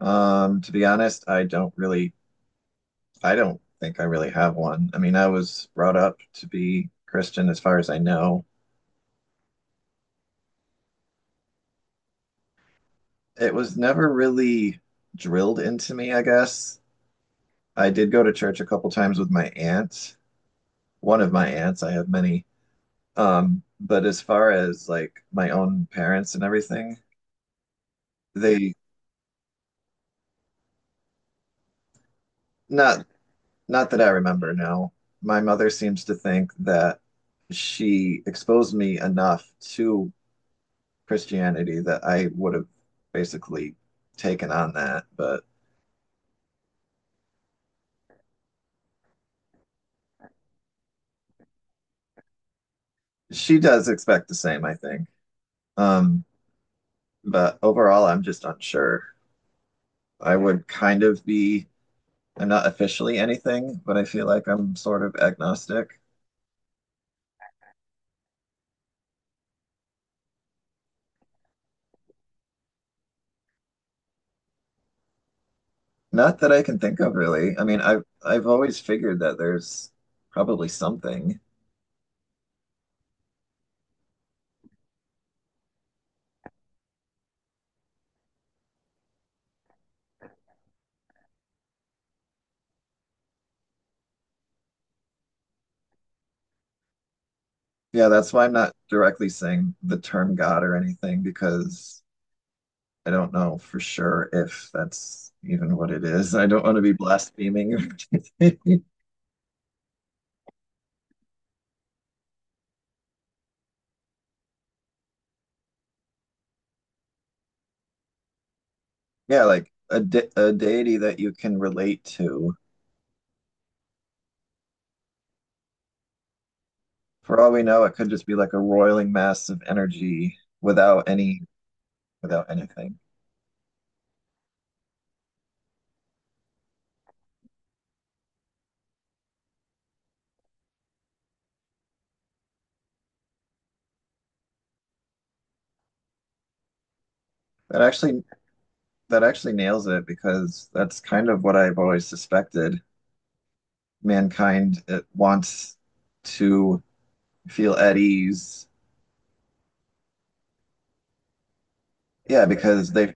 To be honest, I don't think I really have one. I mean, I was brought up to be Christian as far as I know. It was never really drilled into me, I guess. I did go to church a couple times with my aunt, one of my aunts, I have many. But as far as like my own parents and everything, they not not that I remember now. My mother seems to think that she exposed me enough to Christianity that I would have basically taken on that, but she does expect the same, I think. Um, but overall, I'm just unsure. I would kind of be, I'm not officially anything, but I feel like I'm sort of agnostic. Not that I can think of really. I mean, I've always figured that there's probably something. Yeah, that's why I'm not directly saying the term God or anything because I don't know for sure if that's even what it is. I don't want to be blaspheming or anything. Yeah, like a de a deity that you can relate to. For all we know, it could just be like a roiling mass of energy without any without anything. That actually that actually nails it because that's kind of what I've always suspected. Mankind it wants to feel at ease. Yeah, because they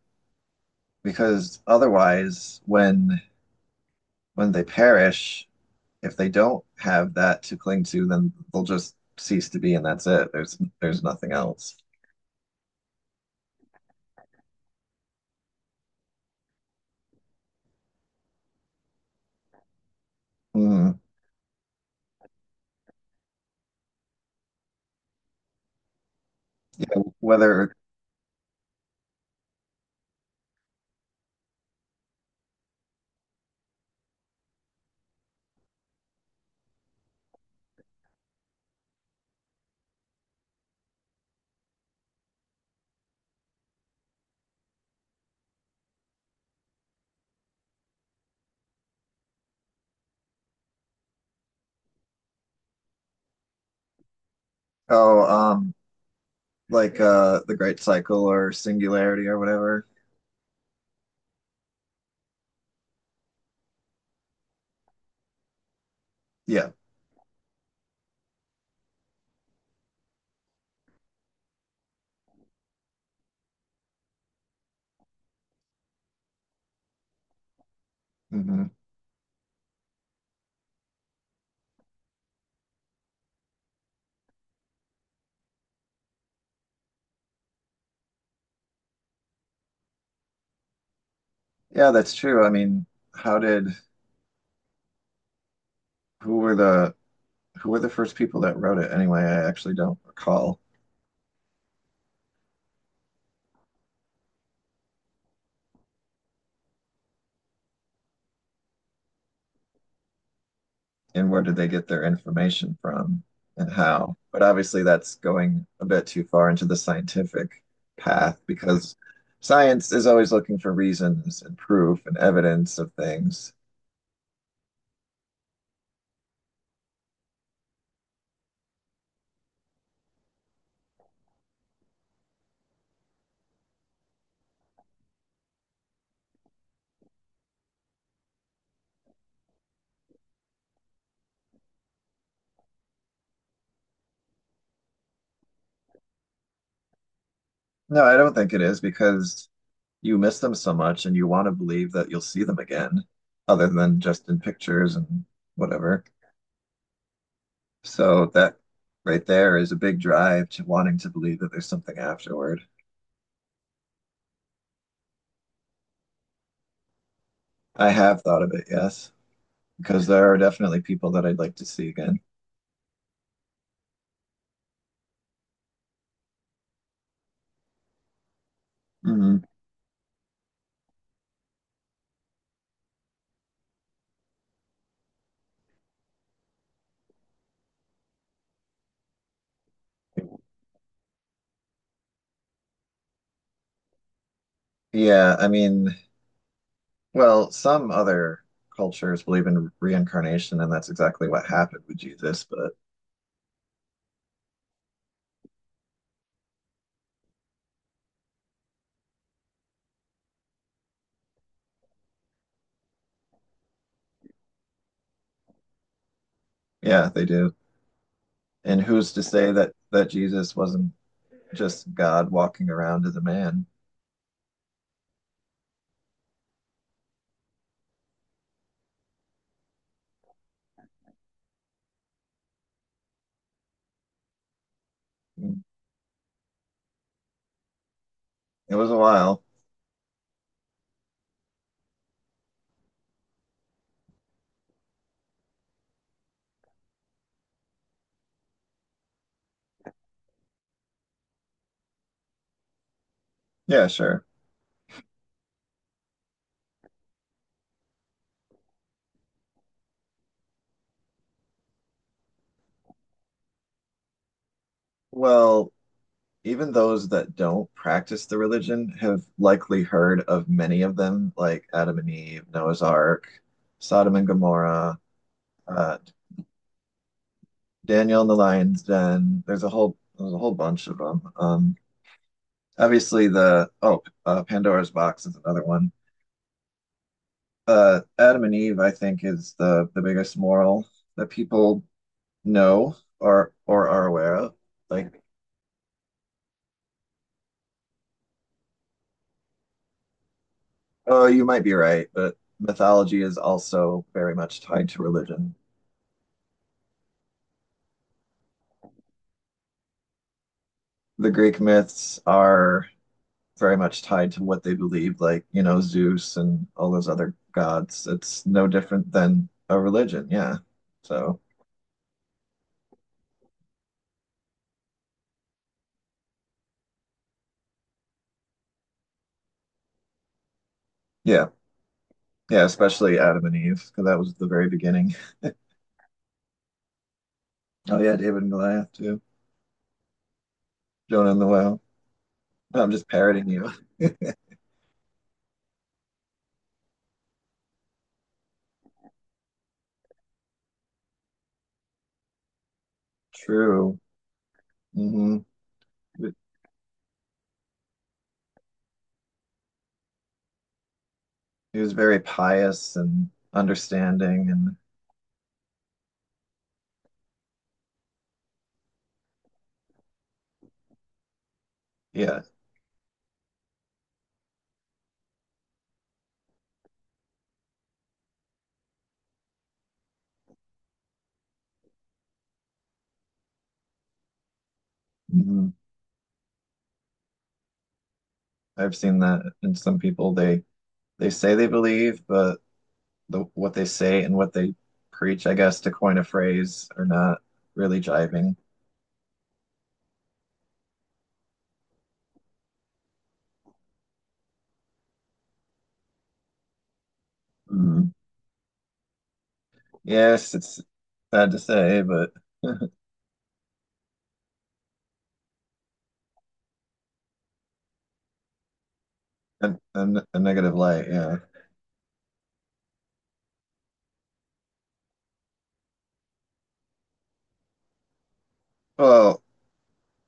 because otherwise when they perish, if they don't have that to cling to, then they'll just cease to be, and that's it. There's nothing else. Mm. Whether oh um like the Great Cycle or Singularity or whatever. Yeah, hmm yeah, that's true. I mean, how did who were the who were the first people that wrote it anyway? I actually don't recall. And where did they get their information from and how? But obviously, that's going a bit too far into the scientific path because science is always looking for reasons and proof and evidence of things. No, I don't think it is because you miss them so much and you want to believe that you'll see them again, other than just in pictures and whatever. So that right there is a big drive to wanting to believe that there's something afterward. I have thought of it, yes, because there are definitely people that I'd like to see again. Mhm. Yeah, I mean, well, some other cultures believe in reincarnation, and that's exactly what happened with Jesus, but yeah, they do. And who's to say that that Jesus wasn't just God walking around as a man? Mm. It was a while. Yeah, sure. Well, even those that don't practice the religion have likely heard of many of them, like Adam and Eve, Noah's Ark, Sodom and Gomorrah, uh, Daniel and the Lion's Den. There's a whole bunch of them. Obviously the Pandora's Box is another one. Adam and Eve, I think, is the biggest moral that people know or are aware of. Like, oh, you might be right, but mythology is also very much tied to religion. The Greek myths are very much tied to what they believed, like, you know, Zeus and all those other gods. It's no different than a religion, yeah. So yeah. Yeah, especially Adam and Eve, because that was the very beginning. Oh yeah, David and Goliath too. Jonah and the whale. No, I'm just parroting you. True. Hmm. He was very pious and understanding, and yeah. Hmm. I've seen that in some people. They say they believe, but what they say and what they preach, I guess, to coin a phrase, are not really jiving. Mhm. Yes, it's sad to say, but a negative light. Yeah. Well,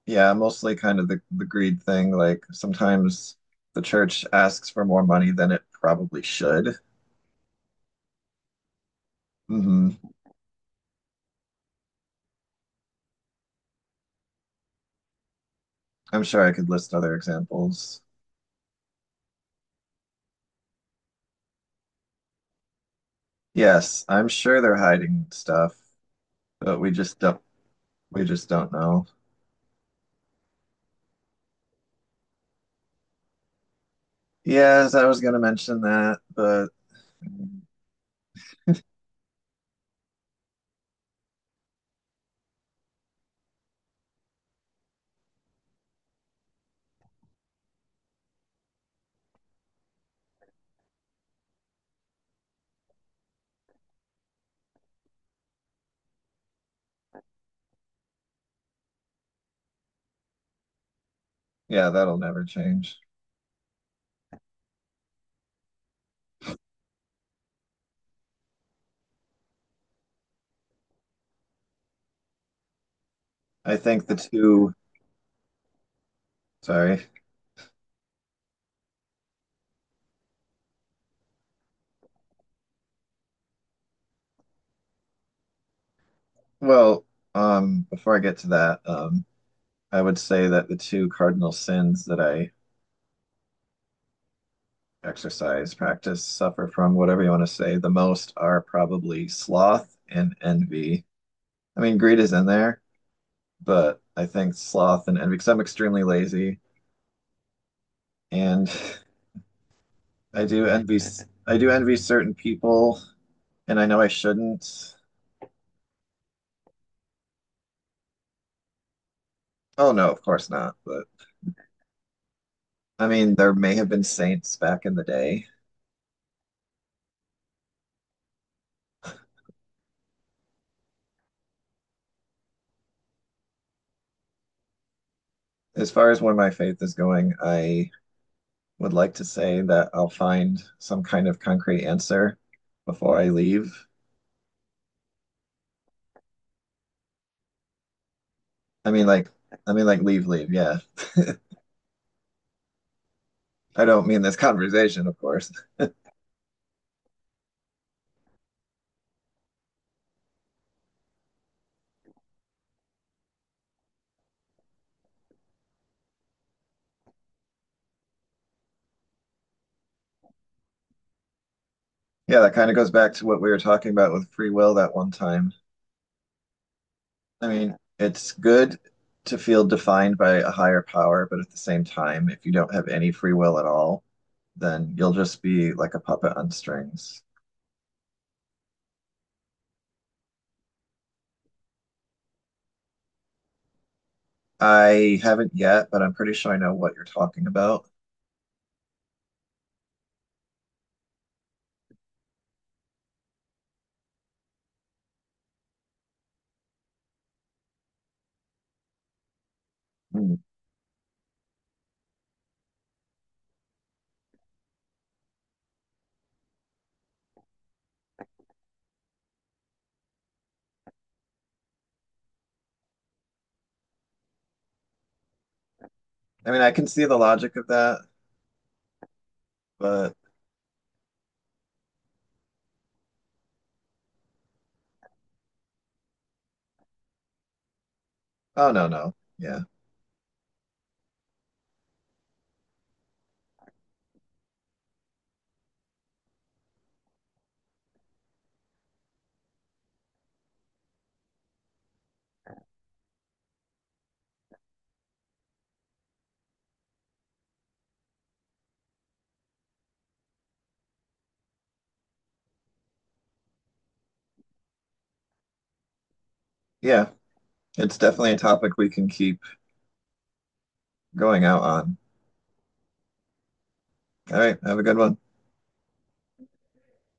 yeah, mostly kind of the greed thing. Like sometimes the church asks for more money than it probably should. Hmm. I'm sure I could list other examples. Yes, I'm sure they're hiding stuff, but we just don't know. Yes, I was gonna mention that, but yeah, that'll never change. I think the two, Sorry. Well, before I get to that, I would say that the two cardinal sins that I exercise practice suffer from, whatever you want to say, the most are probably sloth and envy. I mean, greed is in there, but I think sloth and envy, because I'm extremely lazy and I do envy, I do envy certain people, and I know I shouldn't. Oh, no, of course not. But I mean, there may have been saints back in the day. As far as where my faith is going, I would like to say that I'll find some kind of concrete answer before I leave. I mean, like, I mean, like, leave, leave. Yeah. I don't mean this conversation, of course. Yeah, that kind of goes back to what we were talking about with free will that one time. I mean, it's good to feel defined by a higher power, but at the same time, if you don't have any free will at all, then you'll just be like a puppet on strings. I haven't yet, but I'm pretty sure I know what you're talking about. Mm. I mean, I can see the logic of that, but oh, no, no. Yeah. Yeah. It's definitely a topic we can keep going out on. All right, have a good one.